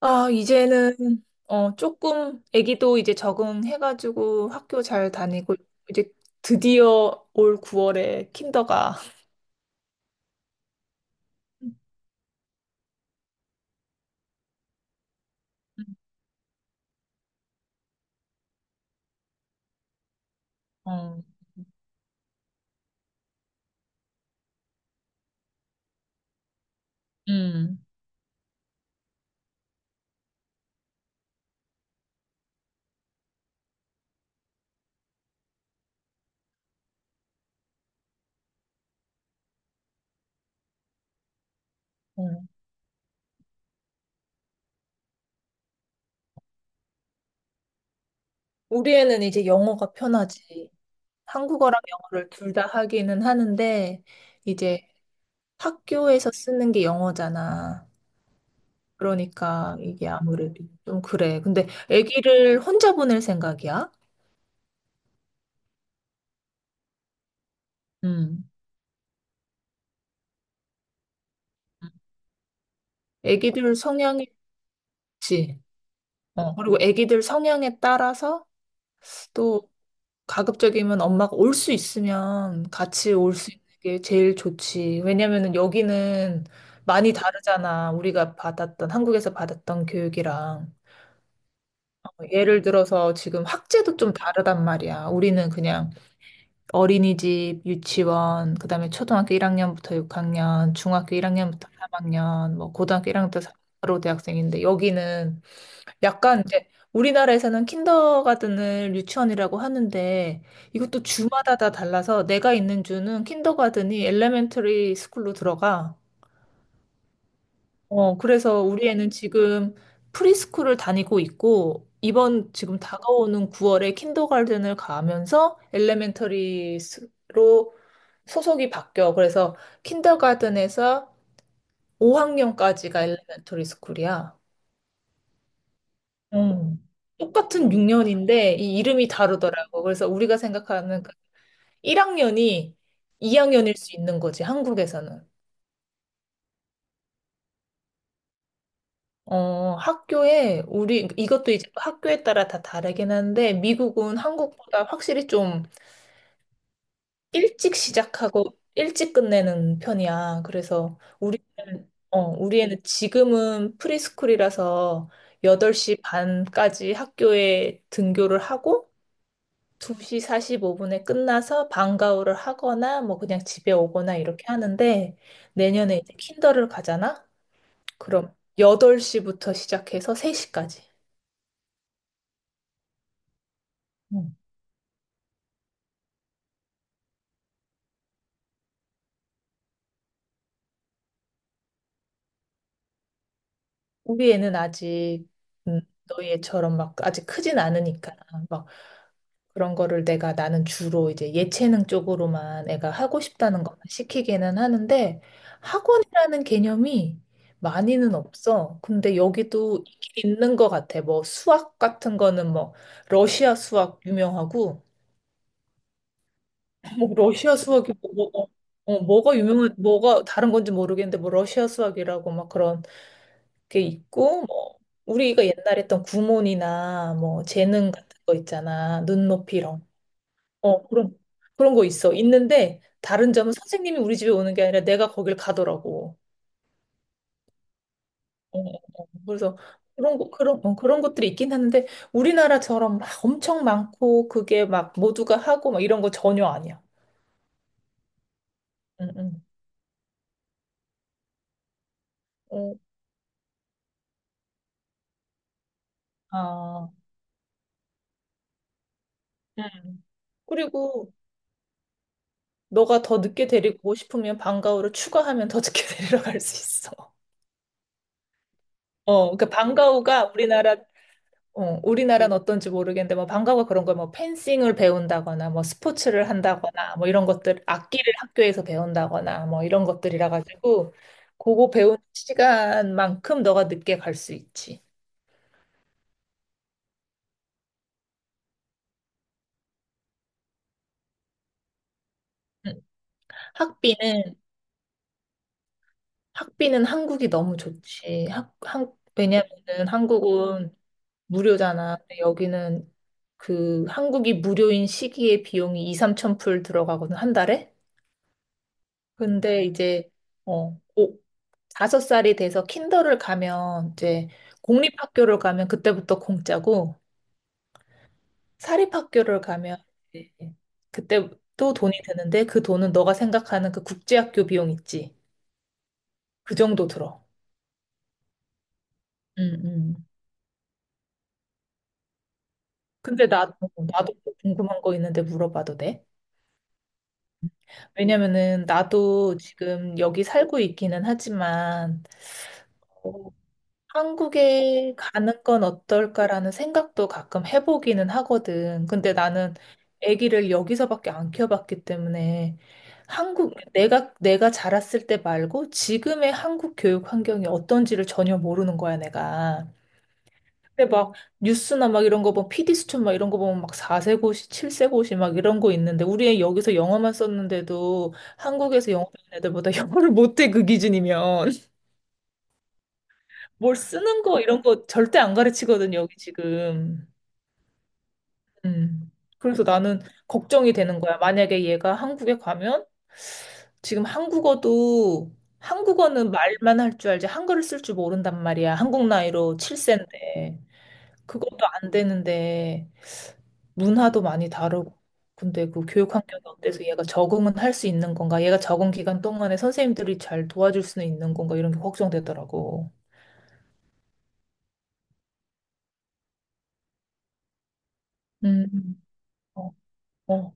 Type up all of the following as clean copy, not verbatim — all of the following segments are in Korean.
아, 이제는, 어, 조금, 아기도 이제 적응해가지고 학교 잘 다니고, 이제 드디어 올 9월에 킨더가. 음, 어, 음, 어. 우리 애는 이제 영어가 편하지. 한국어랑 영어를 둘 다 하기는 하는데, 이제 학교에서 쓰는 게 영어잖아. 그러니까 이게 아무래도 좀 그래. 근데 아기를 혼자 보낼 생각이야? 음. 아기들 성향이 있지. 어, 그리고 아기들 성향에 따라서 또 가급적이면 엄마가 올 수 있으면 같이 올 수 있는 게 제일 좋지. 왜냐면은 여기는 많이 다르잖아. 우리가 받았던, 한국에서 받았던 교육이랑. 어, 예를 들어서 지금 학제도 좀 다르단 말이야. 우리는 그냥 어린이집, 유치원, 그다음에 초등학교 1학년부터 6학년, 중학교 1학년부터 3학년, 뭐 고등학교 1학년부터 바로 대학생인데, 여기는 약간 이제 우리나라에서는 킨더가든을 유치원이라고 하는데 이것도 주마다 다 달라서 내가 있는 주는 킨더가든이 엘레멘터리 스쿨로 들어가. 어, 그래서 우리 애는 지금 프리스쿨을 다니고 있고 이번 지금 다가오는 9월에 킨더가든을 가면서 엘레멘터리로 소속이 바뀌어. 그래서 킨더가든에서 5학년까지가 엘레멘터리 스쿨이야. 어. 똑같은 6년인데 이 이름이 다르더라고. 그래서 우리가 생각하는 그 1학년이 2학년일 수 있는 거지, 한국에서는. 어, 학교에 우리 이것도 이제 학교에 따라 다 다르긴 한데, 미국은 한국보다 확실히 좀 일찍 시작하고 일찍 끝내는 편이야. 그래서 우리는 우리 애는 지금은 프리스쿨이라서 8시 반까지 학교에 등교를 하고 2시 45분에 끝나서 방과후를 하거나 뭐 그냥 집에 오거나 이렇게 하는데, 내년에 이제 킨더를 가잖아? 그럼 8시부터 시작해서 3시까지. 우리 애는 아직 음, 너희 애처럼 막 아직 크진 않으니까 막 그런 거를 내가 나는 주로 이제 예체능 쪽으로만 애가 하고 싶다는 것만 시키기는 하는데, 학원이라는 개념이 많이는 없어. 근데 여기도 있는 것 같아. 뭐 수학 같은 거는 뭐 러시아 수학 유명하고 뭐 러시아 수학이 뭐, 뭐가 유명한 뭐가 다른 건지 모르겠는데 뭐 러시아 수학이라고 막 그런 게 있고, 뭐 우리가 옛날에 했던 구몬이나 뭐 재능 같은 거 있잖아. 눈높이 이런. 어, 그런, 그런 거 있어. 있는데, 다른 점은 선생님이 우리 집에 오는 게 아니라 내가 거길 가더라고. 어, 어, 어. 그래서 그런 거, 그런, 어, 그런 것들이 있긴 하는데, 우리나라처럼 막 엄청 많고, 그게 막 모두가 하고, 막 이런 거 전혀 아니야. 응, 응. 어, 아, 응. 그리고 너가 더 늦게 데리고 오고 싶으면 방과후를 추가하면 더 늦게 데리러 갈 수 있어. 어, 그러니까 방과후가 우리나라, 우리나라는 어떤지 모르겠는데 뭐 방과후 그런 걸 뭐 펜싱을 배운다거나 뭐 스포츠를 한다거나 뭐 이런 것들, 악기를 학교에서 배운다거나 뭐 이런 것들이라 가지고 그거 배운 시간만큼 너가 늦게 갈 수 있지. 응. 학비는. 학비는 한국이 너무 좋지. 왜냐면은 한국은 무료잖아. 근데 여기는 그 한국이 무료인 시기에 비용이 2, 3천 불 들어가거든, 한 달에. 근데 이제 어, 오- 다섯 살이 돼서 킨더를 가면 이제 공립학교를 가면 그때부터 공짜고, 사립학교를 가면 이제 그때 또 돈이 드는데, 그 돈은 너가 생각하는 그 국제학교 비용 있지. 그 정도 들어. 음, 음. 근데 나도 또 궁금한 거 있는데 물어봐도 돼? 왜냐면은 나도 지금 여기 살고 있기는 하지만 어, 한국에 가는 건 어떨까라는 생각도 가끔 해보기는 하거든. 근데 나는 아기를 여기서밖에 안 키워봤기 때문에 내가 자랐을 때 말고 지금의 한국 교육 환경이 어떤지를 전혀 모르는 거야, 내가. 근데 막 뉴스나 막 이런 거 보면 PD 수첩 막 이런 거 보면 막 4세 고시, 7세 고시 막 이런 거 있는데, 우리 애 여기서 영어만 썼는데도 한국에서 영어 배운 애들보다 영어를 못해, 그 기준이면. 뭘 쓰는 거 이런 거 절대 안 가르치거든요, 여기 지금. 음. 그래서 나는 걱정이 되는 거야. 만약에 얘가 한국에 가면 지금 한국어도. 한국어는 말만 할 줄 알지 한글을 쓸 줄 모른단 말이야. 한국 나이로 7세인데. 그것도 안 되는데 문화도 많이 다르고. 근데 그 교육 환경이 어때서 얘가 적응은 할 수 있는 건가? 얘가 적응 기간 동안에 선생님들이 잘 도와줄 수는 있는 건가? 이런 게 걱정되더라고. 음. 어, 어,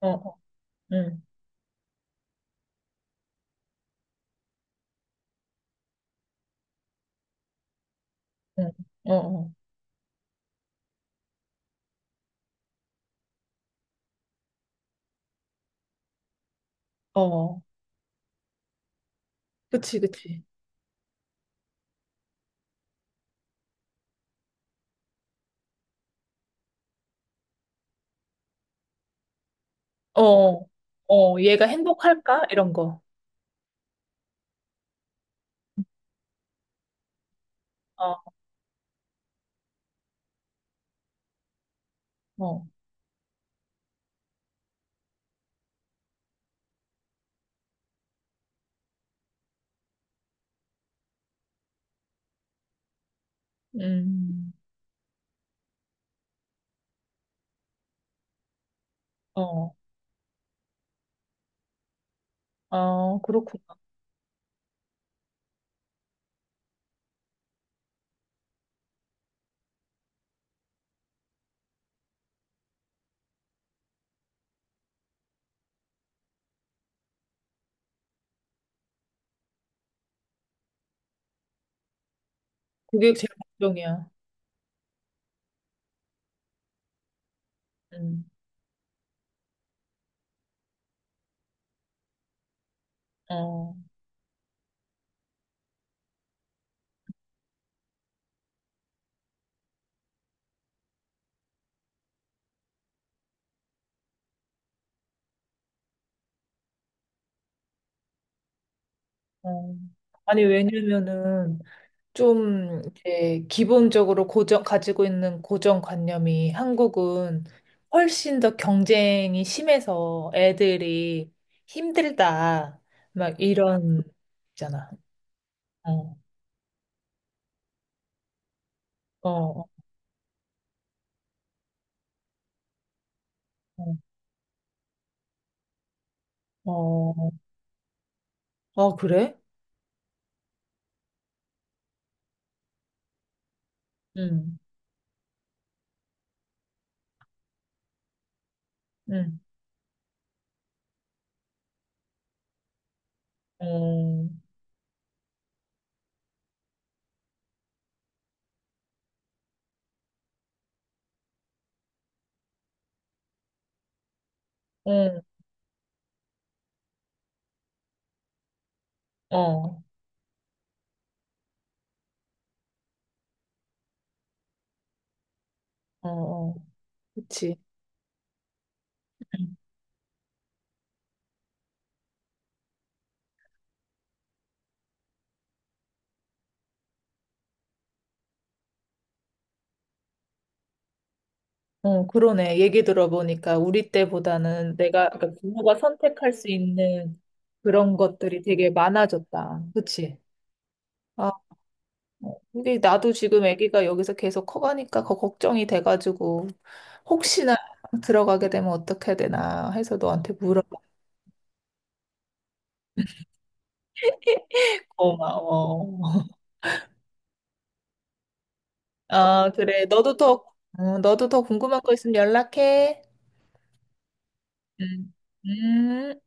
어, 어. 음. 응. 어, 어, 어. 그치, 그치. 어, 어, 어. 얘가 행복할까? 이런 거. 어, 어, 음, 어, 어, 그렇구나. 그게 제일 걱정이야. 음, 어, 어. 아니, 왜냐면은, 좀, 이제, 기본적으로 가지고 있는 고정관념이 한국은 훨씬 더 경쟁이 심해서 애들이 힘들다. 막 이런, 있잖아. 어, 어, 어. 어, 아, 그래? 응, 응, 어, 응, 어, 어, 어. 그치. 어, 그러네. 얘기 들어보니까 우리 때보다는 내가, 그러니까 부모가 선택할 수 있는 그런 것들이 되게 많아졌다. 그치? 아, 이게 나도 지금 아기가 여기서 계속 커가니까 걱정이 돼가지고 혹시나 들어가게 되면 어떻게 되나 해서 너한테 물어봐. 고마워. 어, 그래. 너도 더 궁금한 거 있으면 연락해. 음. 음.